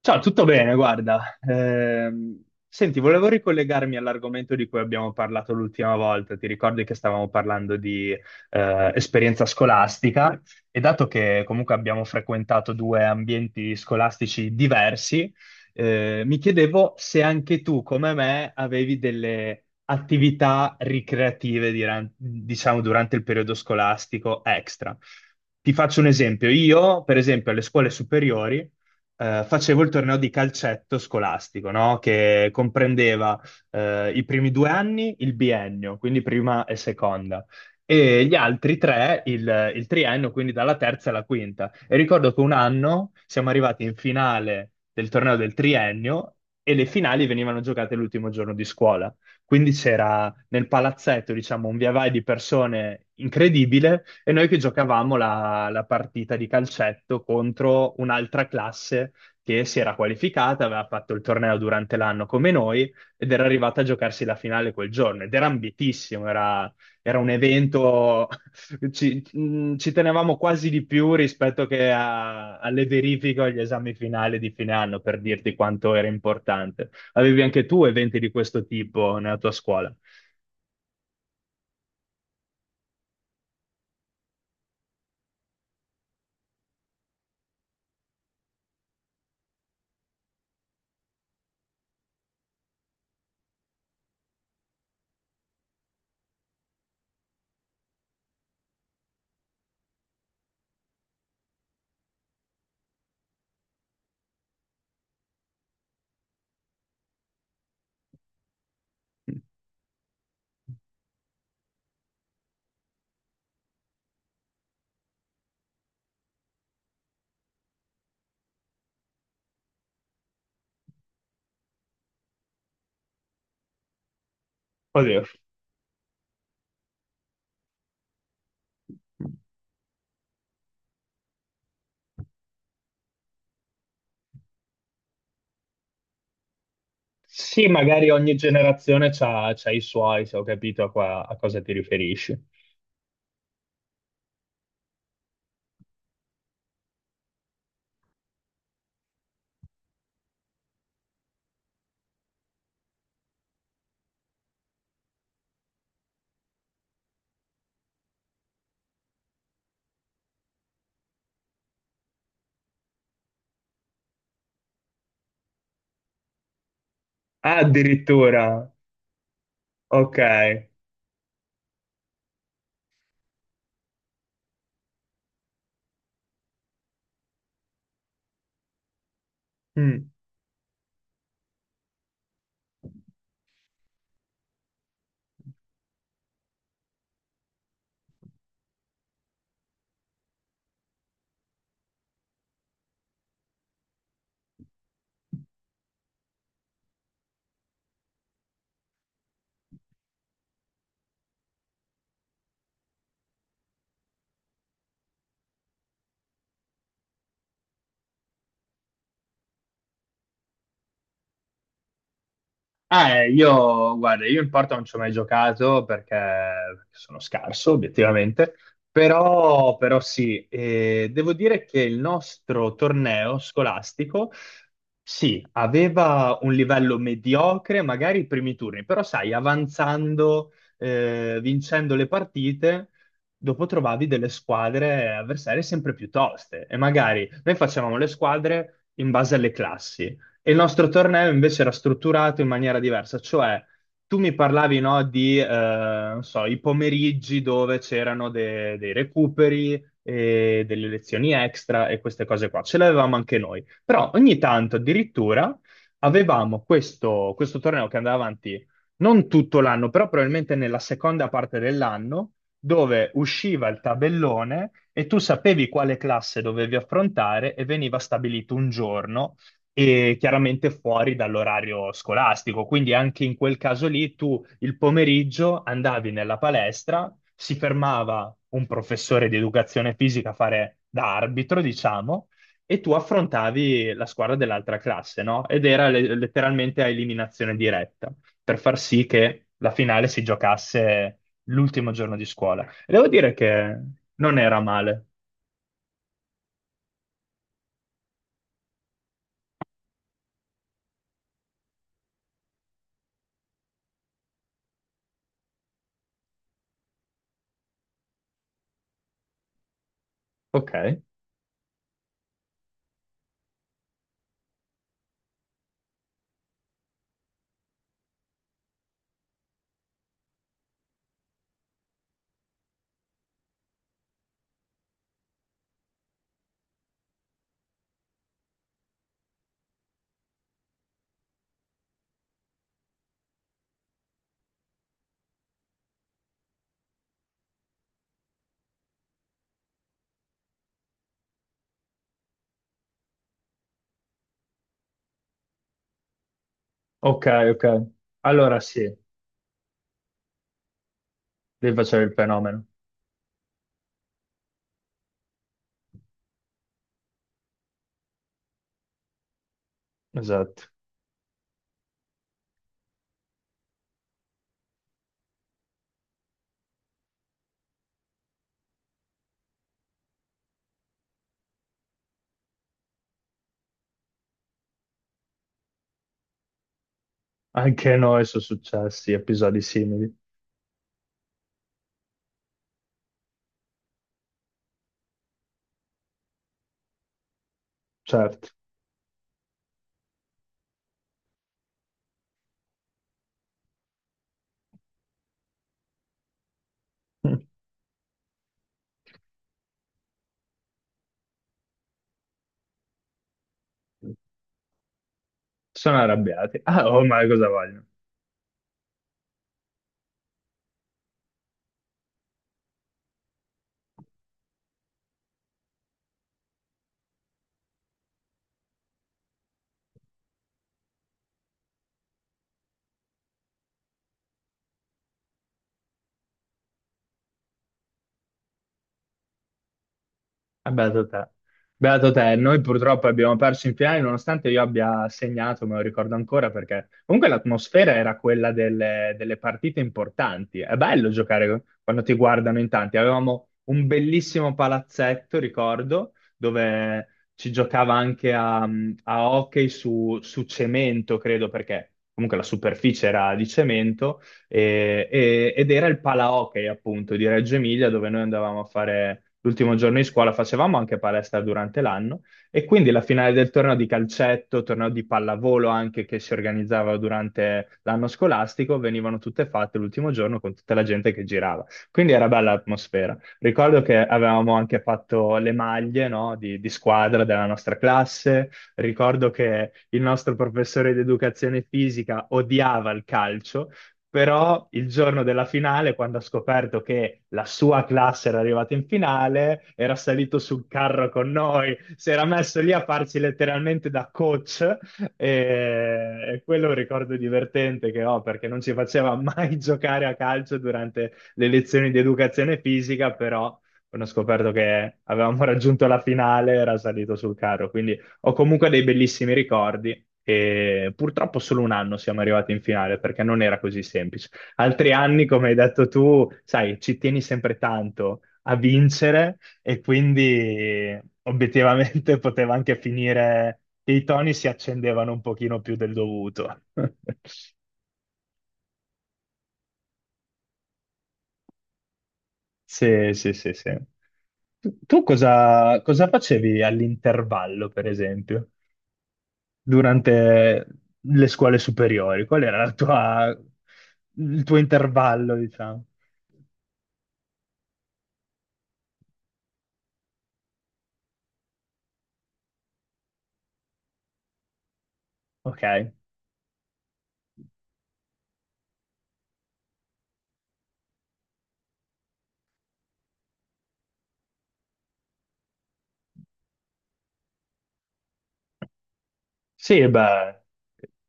Ciao, tutto bene, guarda. Senti, volevo ricollegarmi all'argomento di cui abbiamo parlato l'ultima volta. Ti ricordi che stavamo parlando di esperienza scolastica e dato che comunque abbiamo frequentato due ambienti scolastici diversi, mi chiedevo se anche tu, come me, avevi delle attività ricreative, diciamo, durante il periodo scolastico extra. Ti faccio un esempio. Io, per esempio, alle scuole superiori facevo il torneo di calcetto scolastico, no? Che comprendeva i primi due anni il biennio, quindi prima e seconda, e gli altri tre il triennio, quindi dalla terza alla quinta. E ricordo che un anno siamo arrivati in finale del torneo del triennio e le finali venivano giocate l'ultimo giorno di scuola. Quindi c'era nel palazzetto, diciamo, un via vai di persone incredibile e noi che giocavamo la partita di calcetto contro un'altra classe che si era qualificata, aveva fatto il torneo durante l'anno come noi ed era arrivata a giocarsi la finale quel giorno ed era ambitissimo, era, era un evento. Ci tenevamo quasi di più rispetto che alle verifiche o agli esami finali di fine anno, per dirti quanto era importante. Avevi anche tu eventi di questo tipo nella tua scuola? Oddio. Sì, magari ogni generazione c'ha i suoi, se ho capito a, a cosa ti riferisci. Ah, addirittura, ok. Mm. Ah, io, guarda, io in porta non ci ho mai giocato perché sono scarso, obiettivamente, però sì, devo dire che il nostro torneo scolastico, sì, aveva un livello mediocre, magari i primi turni, però sai, avanzando, vincendo le partite, dopo trovavi delle squadre avversarie sempre più toste, e magari noi facevamo le squadre in base alle classi. E il nostro torneo invece era strutturato in maniera diversa, cioè tu mi parlavi, no, di, non so, i pomeriggi dove c'erano dei recuperi e delle lezioni extra e queste cose qua. Ce le avevamo anche noi. Però ogni tanto addirittura avevamo questo torneo che andava avanti non tutto l'anno, però probabilmente nella seconda parte dell'anno, dove usciva il tabellone e tu sapevi quale classe dovevi affrontare e veniva stabilito un giorno e chiaramente fuori dall'orario scolastico. Quindi anche in quel caso lì tu il pomeriggio andavi nella palestra, si fermava un professore di educazione fisica a fare da arbitro, diciamo, e tu affrontavi la squadra dell'altra classe, no? Ed era letteralmente a eliminazione diretta, per far sì che la finale si giocasse l'ultimo giorno di scuola. E devo dire che non era male. Ok, ok, ok. Allora sì, lì facevi il fenomeno. Esatto. Anche a noi sono successi episodi simili, certo. Sono arrabbiati. Ah, ormai cosa vogliono? Ah, beato te. Beato te, noi purtroppo abbiamo perso in finale nonostante io abbia segnato, me lo ricordo ancora perché comunque l'atmosfera era quella delle partite importanti. È bello giocare quando ti guardano in tanti. Avevamo un bellissimo palazzetto, ricordo, dove ci giocava anche a hockey su cemento, credo, perché comunque la superficie era di cemento ed era il Pala Hockey, appunto, di Reggio Emilia, dove noi andavamo a fare l'ultimo giorno di scuola, facevamo anche palestra durante l'anno, e quindi la finale del torneo di calcetto, torneo di pallavolo anche, che si organizzava durante l'anno scolastico, venivano tutte fatte l'ultimo giorno con tutta la gente che girava. Quindi era bella l'atmosfera. Ricordo che avevamo anche fatto le maglie, no, di squadra della nostra classe. Ricordo che il nostro professore di educazione fisica odiava il calcio, però il giorno della finale, quando ha scoperto che la sua classe era arrivata in finale, era salito sul carro con noi, si era messo lì a farci letteralmente da coach, e quello è un ricordo divertente che ho, perché non ci faceva mai giocare a calcio durante le lezioni di educazione fisica, però quando ho scoperto che avevamo raggiunto la finale era salito sul carro, quindi ho comunque dei bellissimi ricordi e purtroppo solo un anno siamo arrivati in finale perché non era così semplice. Altri anni, come hai detto tu, sai, ci tieni sempre tanto a vincere e quindi obiettivamente poteva anche finire che i toni si accendevano un pochino più del dovuto. Sì, sì, sì, sì. Tu cosa, cosa facevi all'intervallo, per esempio? Durante le scuole superiori? Qual era la tua, il tuo intervallo, diciamo? Ok. Sì, e beh,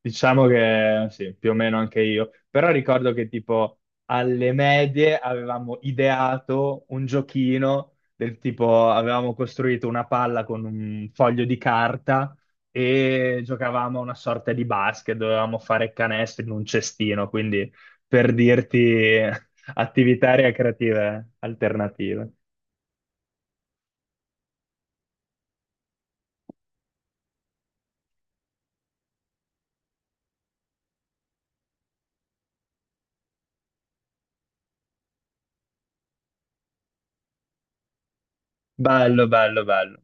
diciamo che sì, più o meno anche io, però ricordo che tipo alle medie avevamo ideato un giochino del tipo, avevamo costruito una palla con un foglio di carta e giocavamo a una sorta di basket, dovevamo fare canestri in un cestino, quindi per dirti attività creative alternative. Bello, bello, bello.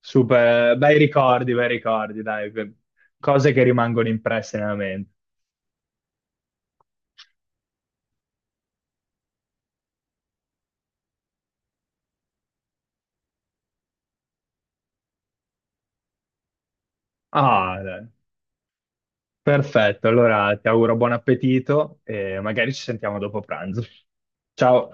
Super, bei ricordi, dai, cose che rimangono impresse nella mente. Ah, dai. Perfetto, allora ti auguro buon appetito e magari ci sentiamo dopo pranzo. Ciao.